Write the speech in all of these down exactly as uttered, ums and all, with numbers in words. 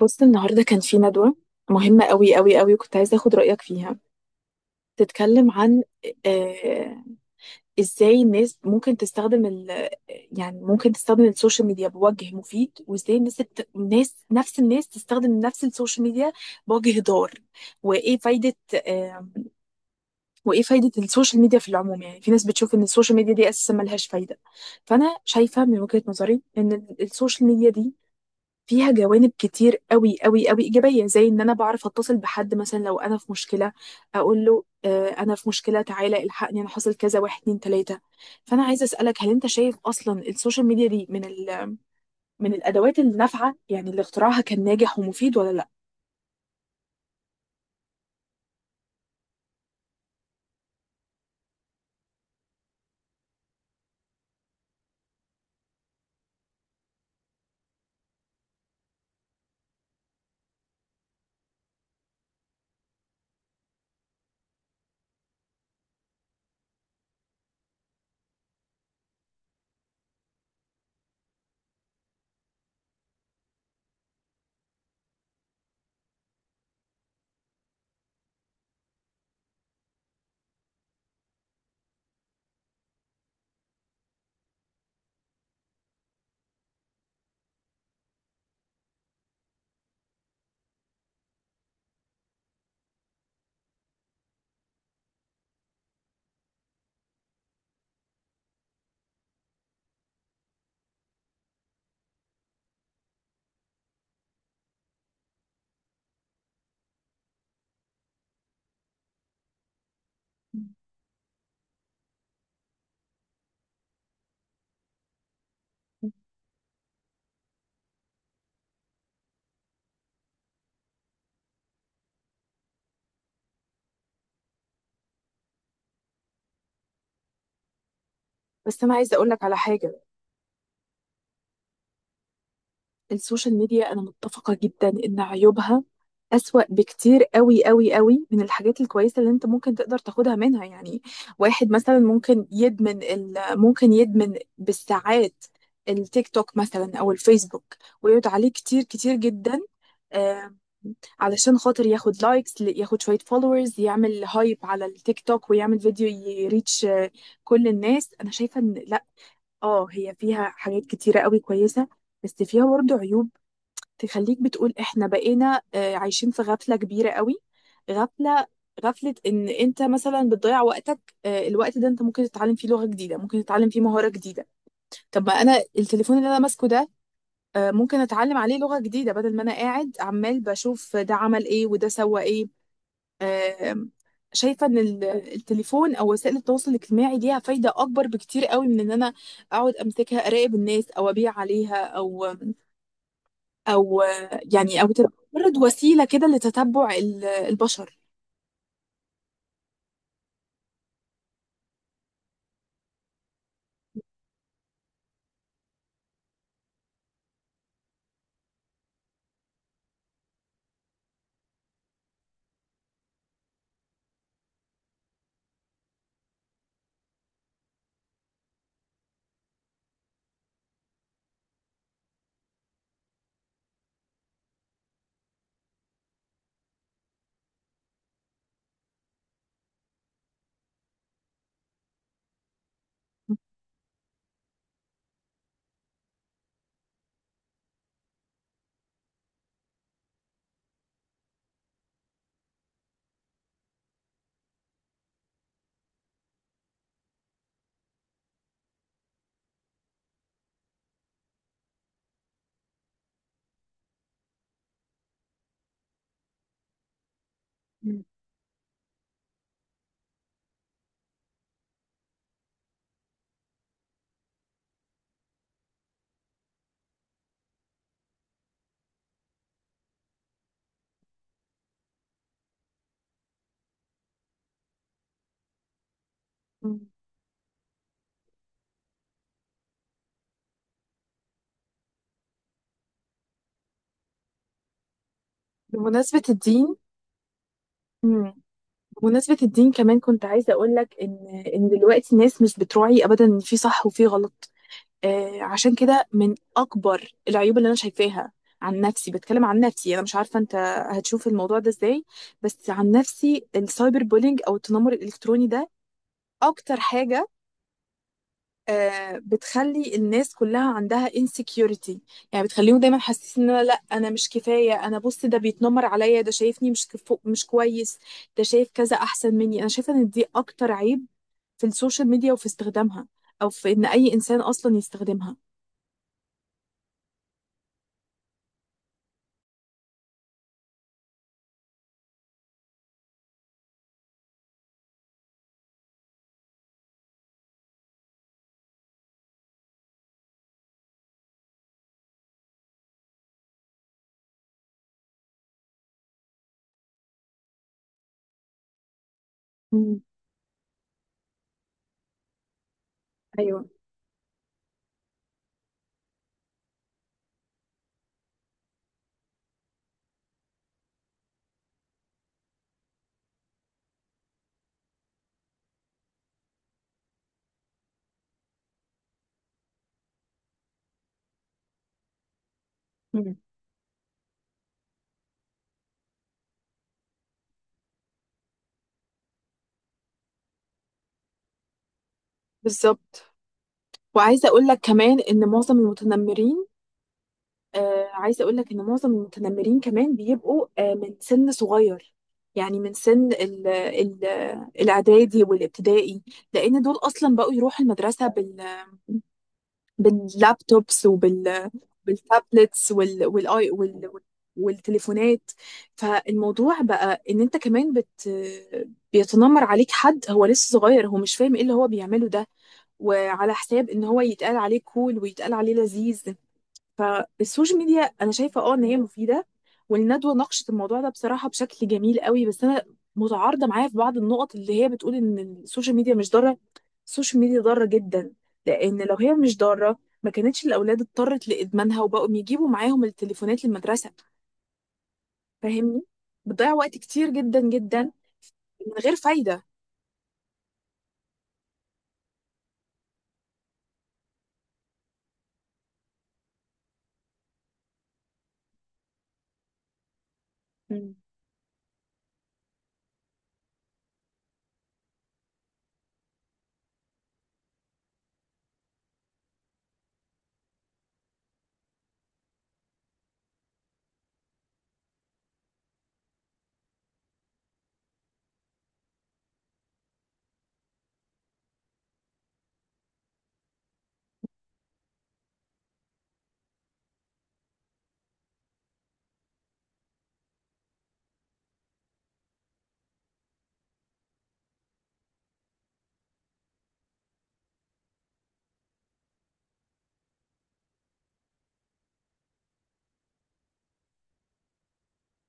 بص، النهارده كان في ندوة مهمة قوي قوي قوي، وكنت عايزة اخد رأيك فيها. تتكلم عن آه ازاي الناس ممكن تستخدم ال يعني ممكن تستخدم السوشيال ميديا بوجه مفيد، وازاي الناس الت- الناس نفس الناس تستخدم نفس السوشيال ميديا بوجه ضار. وايه فايدة آه وايه فايدة السوشيال ميديا في العموم؟ يعني في ناس بتشوف ان السوشيال ميديا دي اساسا ملهاش فايدة. فانا شايفة من وجهة نظري ان ال- السوشيال ميديا دي فيها جوانب كتير قوي قوي قوي ايجابيه، زي ان انا بعرف اتصل بحد مثلا لو انا في مشكله، اقول له آه، انا في مشكله، تعالى الحقني، انا حصل كذا، واحد اتنين تلاته. فانا عايزه اسالك، هل انت شايف اصلا السوشيال ميديا دي من ال من الادوات النافعه، يعني اللي اختراعها كان ناجح ومفيد، ولا لا؟ بس انا عايزه اقول لك على حاجه. السوشيال ميديا، انا متفقة جدا ان عيوبها اسوأ بكتير قوي قوي قوي من الحاجات الكويسة اللي انت ممكن تقدر تاخدها منها. يعني واحد مثلا ممكن يدمن ال... ممكن يدمن بالساعات التيك توك مثلا او الفيسبوك، ويقعد عليه كتير كتير جدا، آه، علشان خاطر ياخد لايكس، ياخد شوية فولورز، يعمل هايب على التيك توك، ويعمل فيديو يريتش آه، كل الناس. انا شايفة ان لا، اه هي فيها حاجات كتيرة قوي كويسة، بس فيها برضه عيوب تخليك بتقول احنا بقينا آه، عايشين في غفلة كبيرة قوي. غفلة، غفلة ان انت مثلا بتضيع وقتك، آه، الوقت ده انت ممكن تتعلم فيه لغة جديدة، ممكن تتعلم فيه مهارة جديدة. طب ما انا التليفون اللي انا ماسكه ده، آه، ممكن اتعلم عليه لغة جديدة بدل ما انا قاعد عمال بشوف ده عمل ايه وده سوى ايه. آه، شايفة ان ال- التليفون او وسائل التواصل الاجتماعي ليها فايدة اكبر بكتير قوي من ان انا اقعد امسكها اراقب الناس، او ابيع عليها، او او يعني او تبقى مجرد وسيله كده لتتبع ال- البشر. مم. مم. بمناسبه الدين. مم. بمناسبه الدين كمان كنت عايزه اقول لك ان ان دلوقتي الناس مش بتراعي ابدا ان في صح وفي غلط. آه عشان كده، من اكبر العيوب اللي انا شايفاها، عن نفسي بتكلم، عن نفسي، انا مش عارفه انت هتشوف الموضوع ده ازاي، بس عن نفسي السايبر بولينج او التنمر الالكتروني ده اكتر حاجه آه، بتخلي الناس كلها عندها insecurity. يعني بتخليهم دايما حاسين ان انا، لا، انا مش كفايه، انا بص ده بيتنمر عليا، ده شايفني مش كفو مش كويس، ده شايف كذا احسن مني. انا شايفه ان دي اكتر عيب في السوشيال ميديا وفي استخدامها، او في ان اي انسان اصلا يستخدمها. مم. ايوه. مم. بالظبط. وعايزه اقول لك كمان ان معظم المتنمرين آه عايزه اقول لك ان معظم المتنمرين كمان بيبقوا آه من سن صغير، يعني من سن ال ال الاعدادي والابتدائي، لان دول اصلا بقوا يروحوا المدرسه بال باللابتوبس وبال بالتابلتس وال والاي وال والتليفونات. فالموضوع بقى ان انت كمان بت بيتنمر عليك حد هو لسه صغير، هو مش فاهم ايه اللي هو بيعمله ده، وعلى حساب ان هو يتقال عليه كول ويتقال عليه لذيذ. فالسوشيال ميديا انا شايفه اه ان هي مفيده، والندوه ناقشت الموضوع ده بصراحه بشكل جميل قوي، بس انا متعارضه معايا في بعض النقط اللي هي بتقول ان السوشيال ميديا مش ضاره. السوشيال ميديا ضاره جدا، لان لو هي مش ضاره ما كانتش الاولاد اضطرت لادمانها وبقوا يجيبوا معاهم التليفونات للمدرسه، فاهمني؟ بتضيع وقت كتير جدا جدا من غير فايده. مم.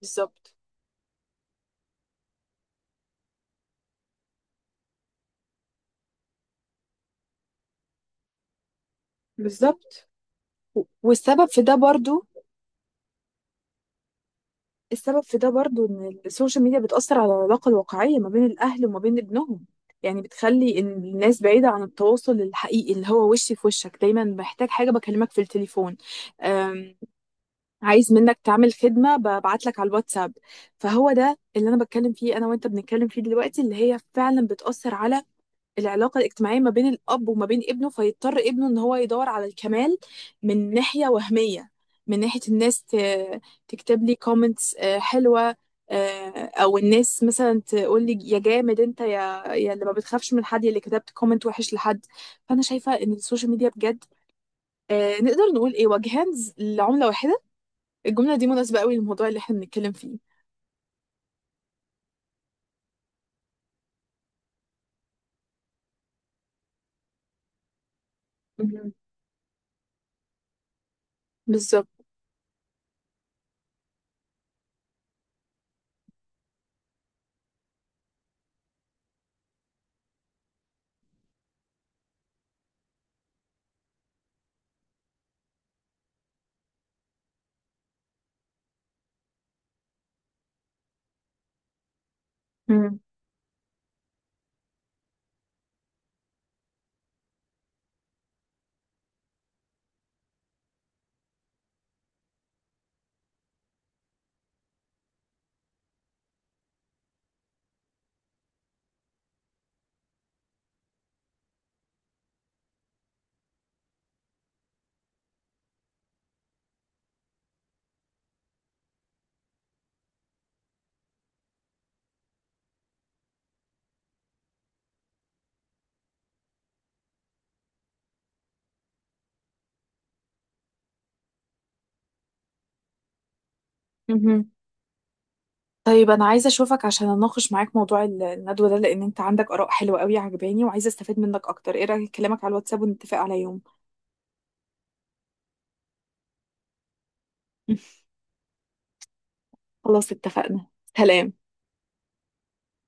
بالظبط. بالظبط. و- والسبب في ده برضو السبب في ده برضو ان السوشيال ميديا بتأثر على العلاقة الواقعية ما بين الأهل وما بين ابنهم. يعني بتخلي إن الناس بعيدة عن التواصل الحقيقي، اللي هو وشي في وشك دايما، محتاج حاجة بكلمك في التليفون، أم، عايز منك تعمل خدمة ببعت لك على الواتساب. فهو ده اللي أنا بتكلم فيه، أنا وأنت بنتكلم فيه دلوقتي، اللي هي فعلا بتأثر على العلاقة الاجتماعية ما بين الأب وما بين ابنه، فيضطر ابنه إن هو يدور على الكمال من ناحية وهمية، من ناحية الناس ت- تكتب لي كومنتس حلوة. آه، أو الناس مثلا تقول لي يا جامد أنت، يا يا اللي ما بتخافش من حد، يا اللي كتبت كومنت وحش لحد. فأنا شايفة إن السوشيال ميديا بجد آه، نقدر نقول إيه، وجهان ز- لعملة واحدة. الجملة دي مناسبة قوي للموضوع اللي إحنا بنتكلم فيه. مهم. بالظبط. مهم. مهم. طيب انا عايزه اشوفك عشان اناقش معاك موضوع ال- الندوه ده، لان انت عندك اراء حلوه قوي عجباني، وعايزه استفاد منك اكتر. ايه رايك اكلمك على الواتساب ونتفق على يوم؟ خلاص اتفقنا. سلام.